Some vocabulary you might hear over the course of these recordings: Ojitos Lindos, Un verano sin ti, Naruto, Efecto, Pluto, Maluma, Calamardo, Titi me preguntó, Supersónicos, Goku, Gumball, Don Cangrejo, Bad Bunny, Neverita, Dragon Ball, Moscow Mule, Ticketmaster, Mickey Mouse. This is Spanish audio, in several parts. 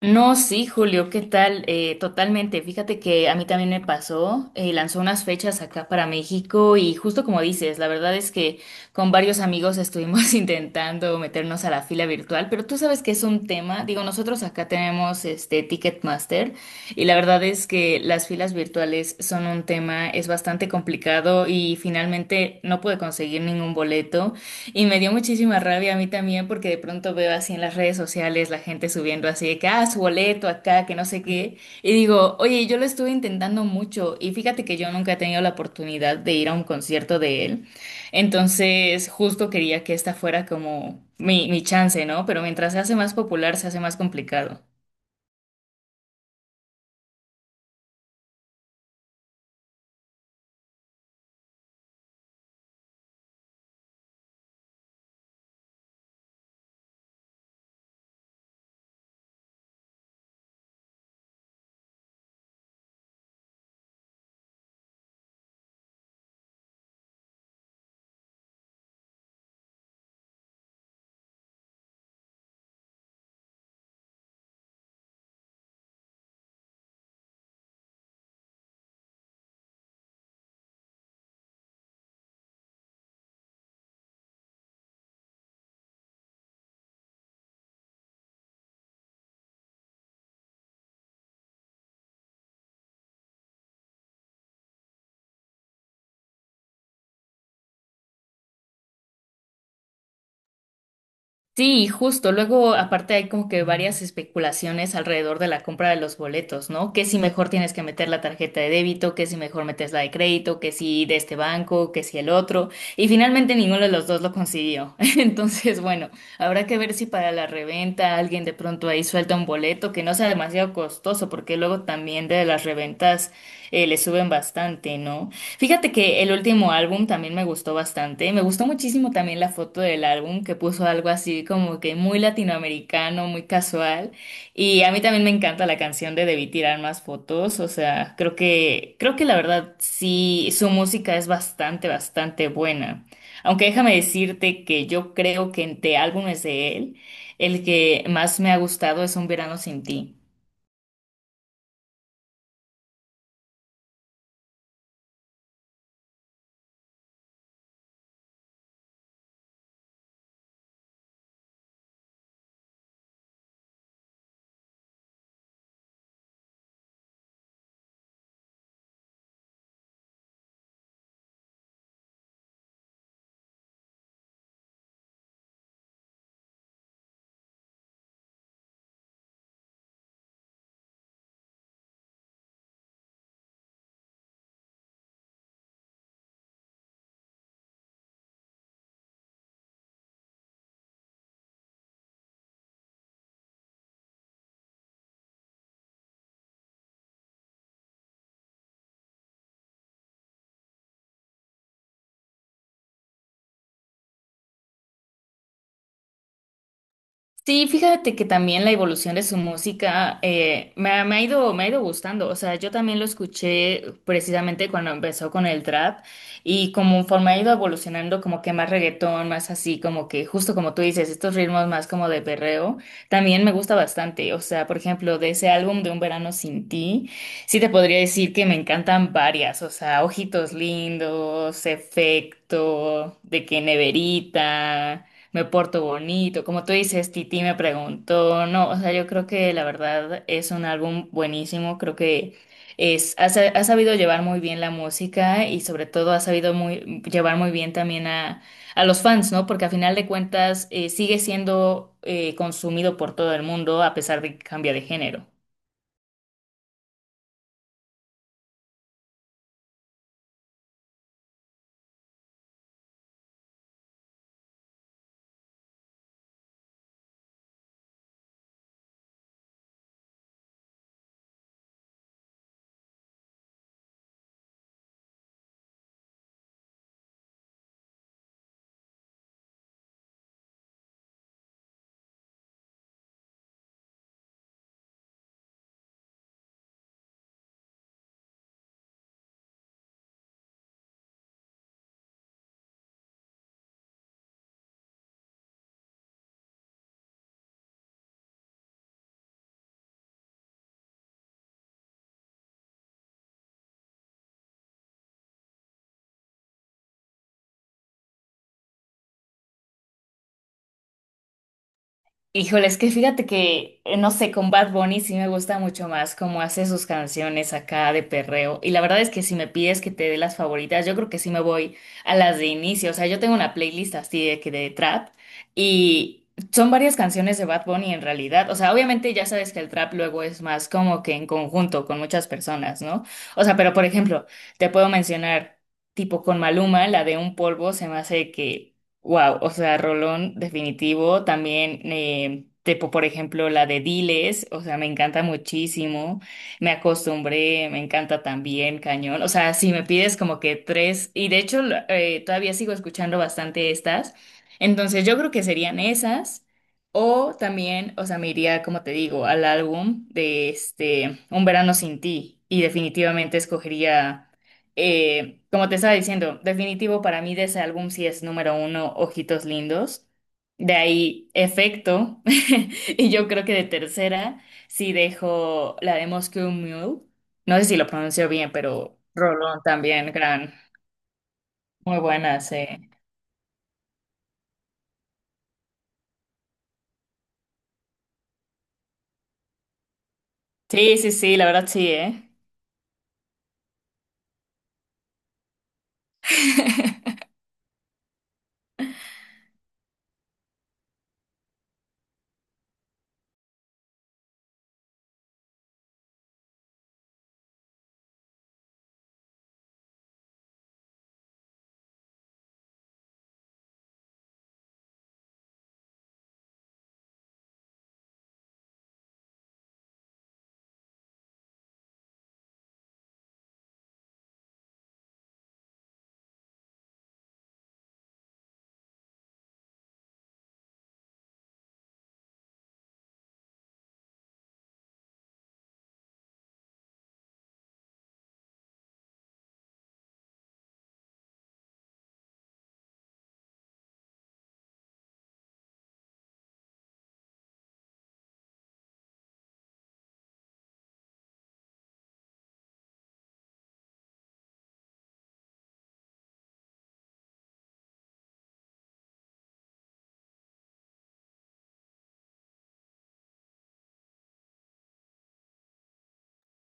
No, sí, Julio, ¿qué tal? Totalmente. Fíjate que a mí también me pasó. Lanzó unas fechas acá para México y justo como dices, la verdad es que con varios amigos estuvimos intentando meternos a la fila virtual, pero tú sabes que es un tema. Digo, nosotros acá tenemos este Ticketmaster y la verdad es que las filas virtuales son un tema, es bastante complicado y finalmente no pude conseguir ningún boleto. Y me dio muchísima rabia a mí también porque de pronto veo así en las redes sociales la gente subiendo así de que, ah, su boleto acá, que no sé qué. Y digo, oye, yo lo estuve intentando mucho y fíjate que yo nunca he tenido la oportunidad de ir a un concierto de él. Entonces, justo quería que esta fuera como mi chance, ¿no? Pero mientras se hace más popular, se hace más complicado. Sí, justo. Luego, aparte, hay como que varias especulaciones alrededor de la compra de los boletos, ¿no? Que si mejor tienes que meter la tarjeta de débito, que si mejor metes la de crédito, que si de este banco, que si el otro. Y finalmente ninguno de los dos lo consiguió. Entonces, bueno, habrá que ver si para la reventa alguien de pronto ahí suelta un boleto que no sea demasiado costoso, porque luego también de las reventas le suben bastante, ¿no? Fíjate que el último álbum también me gustó bastante. Me gustó muchísimo también la foto del álbum que puso algo así como que muy latinoamericano, muy casual. Y a mí también me encanta la canción de Debí Tirar Más Fotos. O sea, creo que la verdad sí, su música es bastante, bastante buena. Aunque déjame decirte que yo creo que entre álbumes de él, el que más me ha gustado es Un Verano Sin Ti. Sí, fíjate que también la evolución de su música me ha ido gustando. O sea, yo también lo escuché precisamente cuando empezó con el trap y como forma ha ido evolucionando como que más reggaetón, más así, como que justo como tú dices, estos ritmos más como de perreo, también me gusta bastante. O sea, por ejemplo, de ese álbum de Un Verano Sin Ti, sí te podría decir que me encantan varias. O sea, Ojitos Lindos, Efecto, de que Neverita, me porto bonito, como tú dices, Titi Me Preguntó, no, o sea, yo creo que la verdad es un álbum buenísimo, creo que ha sabido llevar muy bien la música y sobre todo ha sabido llevar muy bien también a los fans, ¿no? Porque a final de cuentas sigue siendo consumido por todo el mundo a pesar de que cambia de género. Híjole, es que fíjate que, no sé, con Bad Bunny sí me gusta mucho más cómo hace sus canciones acá de perreo. Y la verdad es que si me pides que te dé las favoritas, yo creo que sí me voy a las de inicio. O sea, yo tengo una playlist así de que de trap y son varias canciones de Bad Bunny en realidad. O sea, obviamente ya sabes que el trap luego es más como que en conjunto con muchas personas, ¿no? O sea, pero por ejemplo, te puedo mencionar tipo con Maluma, la de Un Polvo, se me hace que wow, o sea, Rolón, definitivo. También, tipo, por ejemplo, la de Diles, o sea, me encanta muchísimo. Me Acostumbré, me encanta también, cañón. O sea, si me pides como que tres, y de hecho, todavía sigo escuchando bastante estas. Entonces, yo creo que serían esas. O también, o sea, me iría, como te digo, al álbum de este Un Verano Sin Ti. Y definitivamente escogería. Como te estaba diciendo, definitivo para mí de ese álbum sí es número uno, Ojitos Lindos. De ahí, Efecto. Y yo creo que de tercera sí dejo la de Moscow Mule. No sé si lo pronuncio bien, pero Rolón también, gran. Muy buena, sí. Sí, sí, sí, la verdad sí, ¿eh?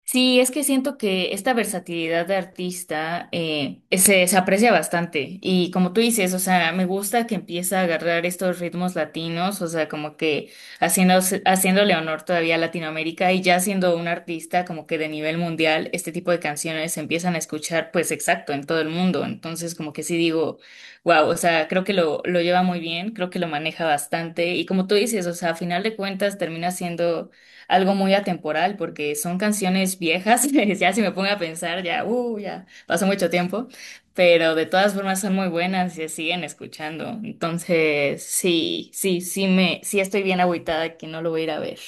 Sí, es que siento que esta versatilidad de artista se aprecia bastante y como tú dices, o sea, me gusta que empieza a agarrar estos ritmos latinos, o sea, como que haciendo, haciéndole honor todavía a Latinoamérica y ya siendo un artista como que de nivel mundial, este tipo de canciones se empiezan a escuchar pues exacto en todo el mundo, entonces como que sí digo, wow, o sea, creo que lo lleva muy bien, creo que lo maneja bastante y como tú dices, o sea, a final de cuentas termina siendo algo muy atemporal porque son canciones viejas, ya si me pongo a pensar, ya, ya pasó mucho tiempo, pero de todas formas son muy buenas y se siguen escuchando. Entonces, sí, sí, sí me, sí estoy bien agüitada que no lo voy a ir a ver.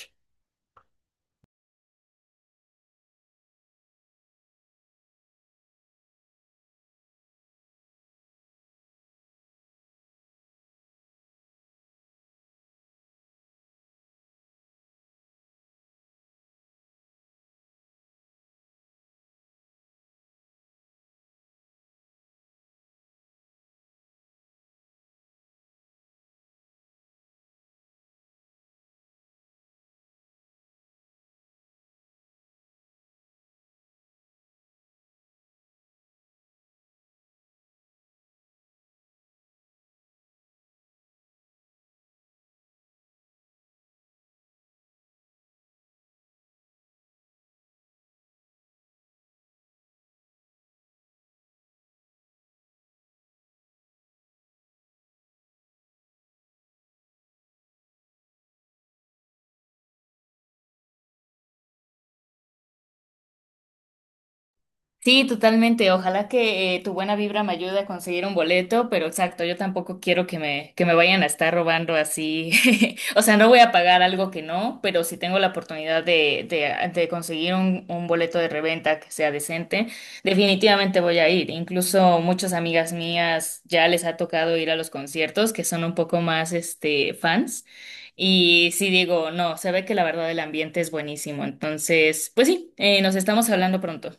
Sí, totalmente. Ojalá que tu buena vibra me ayude a conseguir un boleto, pero exacto, yo tampoco quiero que me vayan a estar robando así. O sea, no voy a pagar algo que no, pero si tengo la oportunidad de conseguir un boleto de reventa que sea decente, definitivamente voy a ir. Incluso muchas amigas mías ya les ha tocado ir a los conciertos, que son un poco más este, fans. Y sí digo, no, se ve que la verdad el ambiente es buenísimo. Entonces, pues sí, nos estamos hablando pronto.